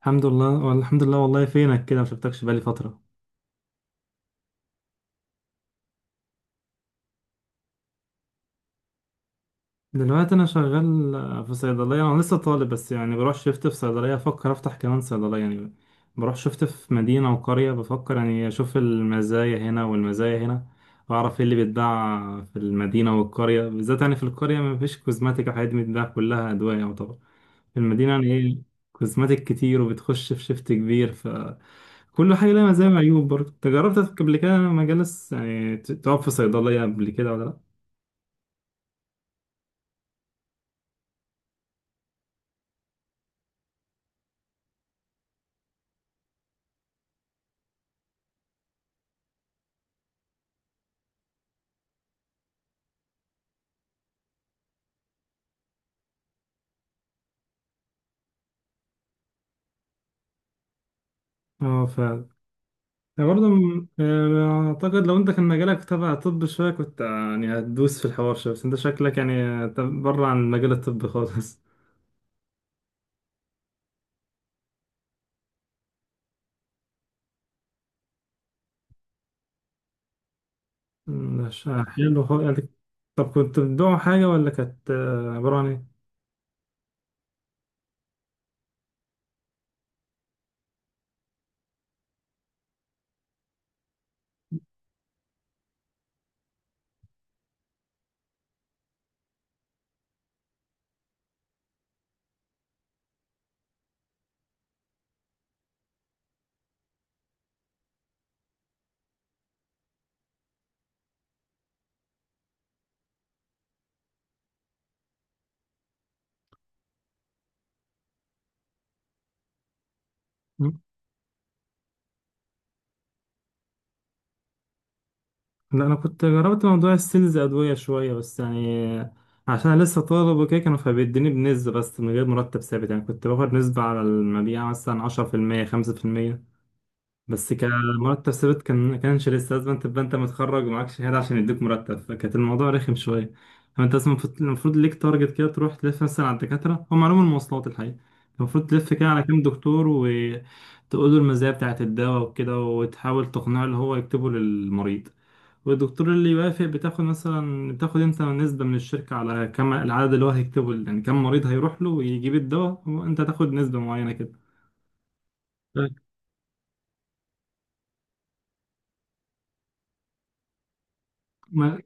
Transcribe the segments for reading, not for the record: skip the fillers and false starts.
الحمد لله والله. فينك كده؟ ما شفتكش بقالي فترة. دلوقتي انا شغال في صيدلية، انا لسه طالب بس يعني بروح شفت في صيدلية، افكر افتح كمان صيدلية يعني. بروح شفت في مدينة وقرية، بفكر يعني اشوف المزايا هنا والمزايا هنا، واعرف ايه اللي بيتباع في المدينة والقرية. بالذات يعني في القرية ما فيش كوزماتيك او حاجات، بتتباع كلها ادوية يعتبر. في المدينة يعني ايه، كوزماتيك كتير وبتخش في شفت كبير. كل حاجة لها مزايا وعيوب. برضه انت جربت قبل كده مجالس، يعني تقف في صيدلية قبل كده ولا لأ؟ اه، فعلا. يعني برضه أعتقد لو أنت كان مجالك تبع طب شوية، كنت يعني هتدوس في الحوار شوية. بس أنت شكلك يعني بره عن مجال الطب خالص. مش حلو خالص يعني. طب كنت بتدعوا حاجة، ولا كانت عبارة عن إيه؟ لا، انا كنت جربت موضوع السيلز ادويه شويه بس يعني، عشان أنا لسه طالب وكده، كانوا فبيديني بنسبه بس من غير مرتب ثابت. يعني كنت باخد نسبه على المبيع، مثلا 10% 5%. بس كمرتب ثابت كان كانش لسه، لازم تبقى انت متخرج ومعاك شهاده عشان يديك مرتب، فكانت الموضوع رخم شويه. فانت اصلا المفروض ليك تارجت كده، تروح تلف مثلا على الدكاتره، هم علوم المواصلات الحقيقه. المفروض تلف كده على كام دكتور وتقول له المزايا بتاعت الدواء وكده، وتحاول تقنعه اللي هو يكتبه للمريض. والدكتور اللي يوافق بتاخد مثلا، بتاخد انت نسبة من الشركة على كم العدد اللي هو هيكتبه، يعني كم مريض هيروح له ويجيب الدواء وانت تاخد نسبة معينة كده. ف- ما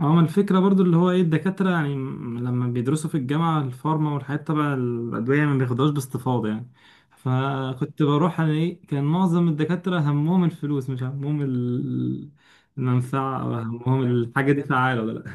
اه، ما الفكرة برضو اللي هو ايه الدكاترة، يعني لما بيدرسوا في الجامعة الفارما والحاجات تبع الأدوية، ما بياخدوهاش باستفاضة يعني. فكنت بروح انا ايه، كان معظم الدكاترة همهم الفلوس مش همهم المنفعة، او همهم الحاجة دي فعالة ولا.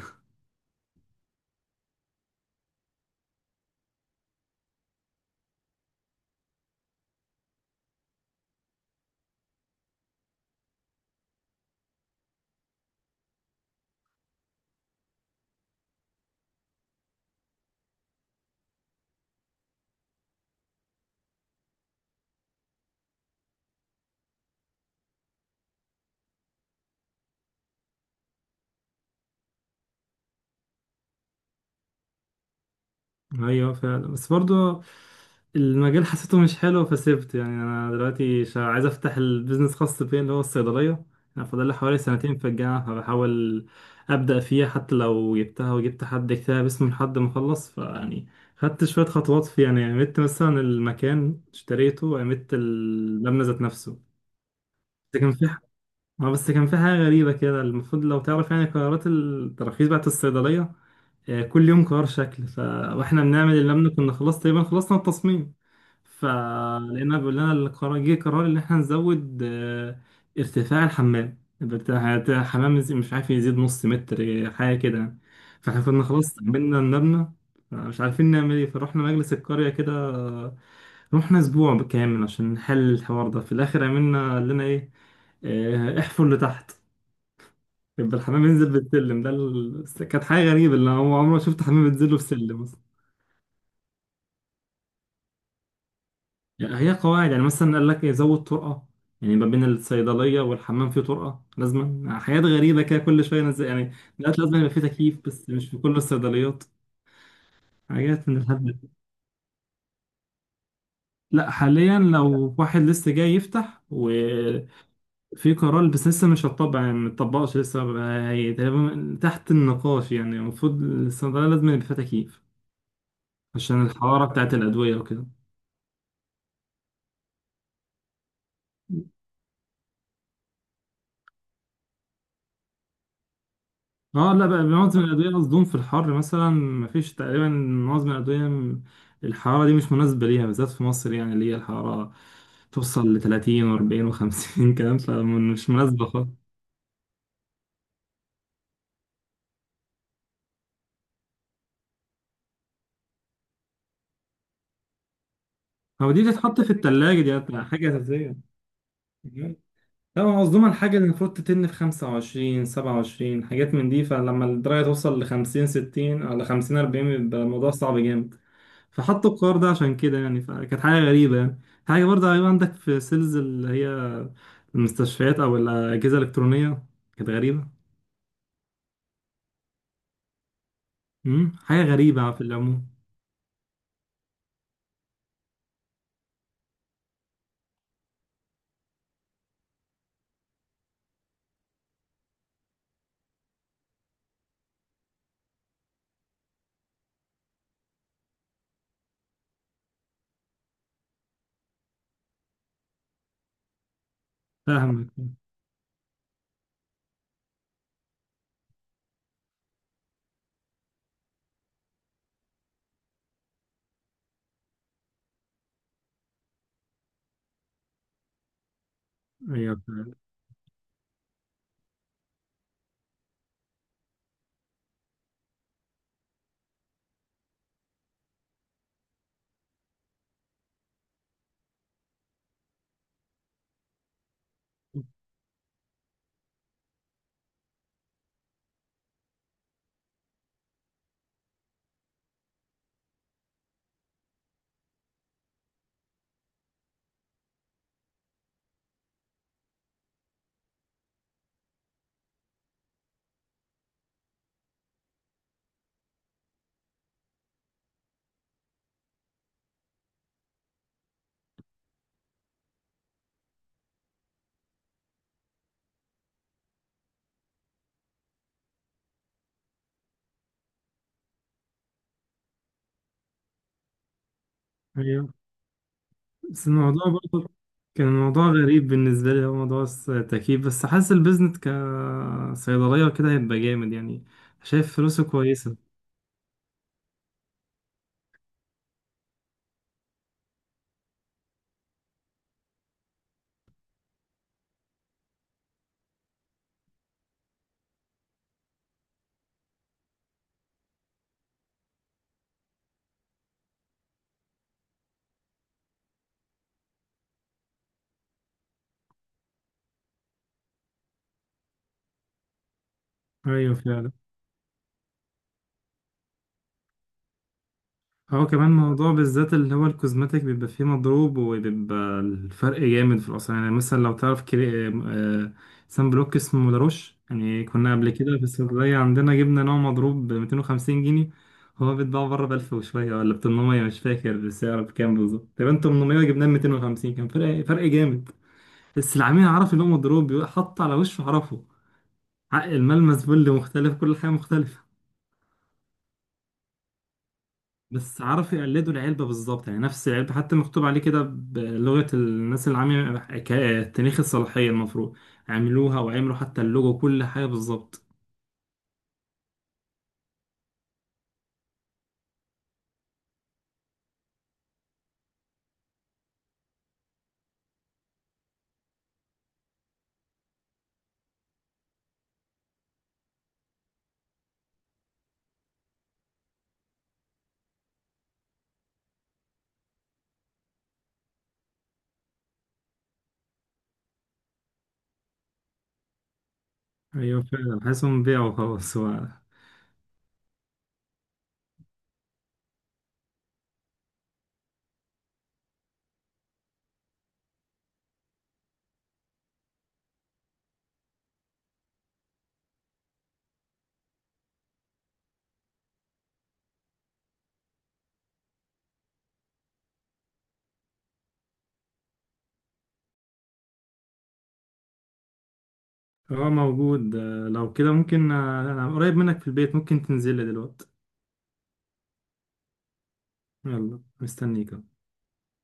ايوه فعلا. بس برضو المجال حسيته مش حلو فسيبت، يعني انا دلوقتي عايز افتح البيزنس خاص بيا اللي هو الصيدليه. انا فاضل لي حوالي سنتين في الجامعه، فبحاول ابدا فيها حتى لو جبتها وجبت حد يكتبها باسمي لحد ما اخلص فيعني. خدت شويه خطوات في يعني، عملت مثلا المكان اشتريته وعملت المبنى ذات نفسه. بس كان في ح- اه بس كان في حاجه غريبه كده. المفروض لو تعرف يعني قرارات التراخيص بتاعت الصيدليه، كل يوم قرار شكل واحنا بنعمل اللي لم كنا خلاص تقريبا خلصنا التصميم. فلقينا بيقول لنا القرار، جه قرار ان احنا نزود ارتفاع الحمام بتاع الحمام مش عارف يزيد نص متر، حاجه كده يعني. فاحنا كنا خلاص عملنا المبنى، مش عارفين نعمل ايه. فروحنا مجلس القريه كده، رحنا اسبوع كامل عشان نحل الحوار ده. في الاخر عملنا قال لنا ايه؟ احفر لتحت، يبقى الحمام ينزل بالسلم ده كانت حاجة غريبة، اللي هو عمره ما شفت حمام بينزل له بالسلم مثلا. يعني هي قواعد، يعني مثلا قال لك يزود طرقة، يعني ما بين الصيدلية والحمام في طرقة، لازما حاجات غريبة كده كل شوية نزل يعني. دلوقتي لازم يبقى في تكييف، بس مش في كل الصيدليات. حاجات من الهبل ده. لا، حاليا لو واحد لسه جاي يفتح وفي قرار، بس لسه مش هتطبق يعني متطبقش لسه هي تقريبا تحت النقاش. يعني المفروض الصيدلية لازم يبقى فيها تكييف عشان الحرارة بتاعت الأدوية وكده. اه، لا بقى معظم الأدوية مصدوم في الحر، مثلا مفيش تقريبا معظم الأدوية الحرارة دي مش مناسبة ليها، بالذات في مصر يعني اللي هي الحرارة توصل لتلاتين وأربعين وخمسين كلام، فمش مناسبة خالص. هو دي بتتحط في التلاجة، دي حاجة أساسية. لا، هو مصدومة الحاجة اللي المفروض تتن في 25 27، حاجات من دي. فلما الدرجة توصل لخمسين 60 أو لخمسين 40، بيبقى الموضوع صعب جامد، فحطوا القرار ده عشان كده يعني، فكانت حاجة غريبة يعني. حاجة برضه، أيوة عندك في سيلز اللي هي المستشفيات او الاجهزه الالكترونيه، كانت غريبه. حاجه غريبه في العموم. فاهمك. ايوه فعلا. ايوه، بس الموضوع برضه كان الموضوع غريب بالنسبه لي، هو موضوع التكييف. بس حاسس البيزنس كصيدليه وكده هيبقى جامد يعني، شايف فلوسه كويسه. ايوه فعلا. هو كمان موضوع بالذات اللي هو الكوزماتيك بيبقى فيه مضروب، وبيبقى الفرق جامد في الأسعار. يعني مثلا لو تعرف كري... آه، سان بلوك اسمه لاروش، يعني كنا قبل كده في الصيدلية عندنا، جبنا نوع مضروب ب 250 جنيه. هو بيتباع بره ب 1000 وشوية، ولا ب 800 مش فاكر السعر بكام بالظبط، تقريبا 800 جبناه ب 250، كان فرق فرق جامد. بس العميل عرف إن هو مضروب، بيبقى حط على وشه عرفه. عق الملمس بل مختلف، كل حاجة مختلفة. بس عرفوا يقلدوا العلبة بالظبط، يعني نفس العلبة، حتى مكتوب عليه كده بلغة الناس اللي عاملة تاريخ الصلاحية المفروض، عملوها وعملوا حتى اللوجو كل حاجة بالظبط. أيوة فعلا، حاسسهم بيعوا خلاص هو. هو موجود، لو كده ممكن. أنا قريب منك في البيت، ممكن تنزل لي دلوقتي؟ يلا، مستنيك.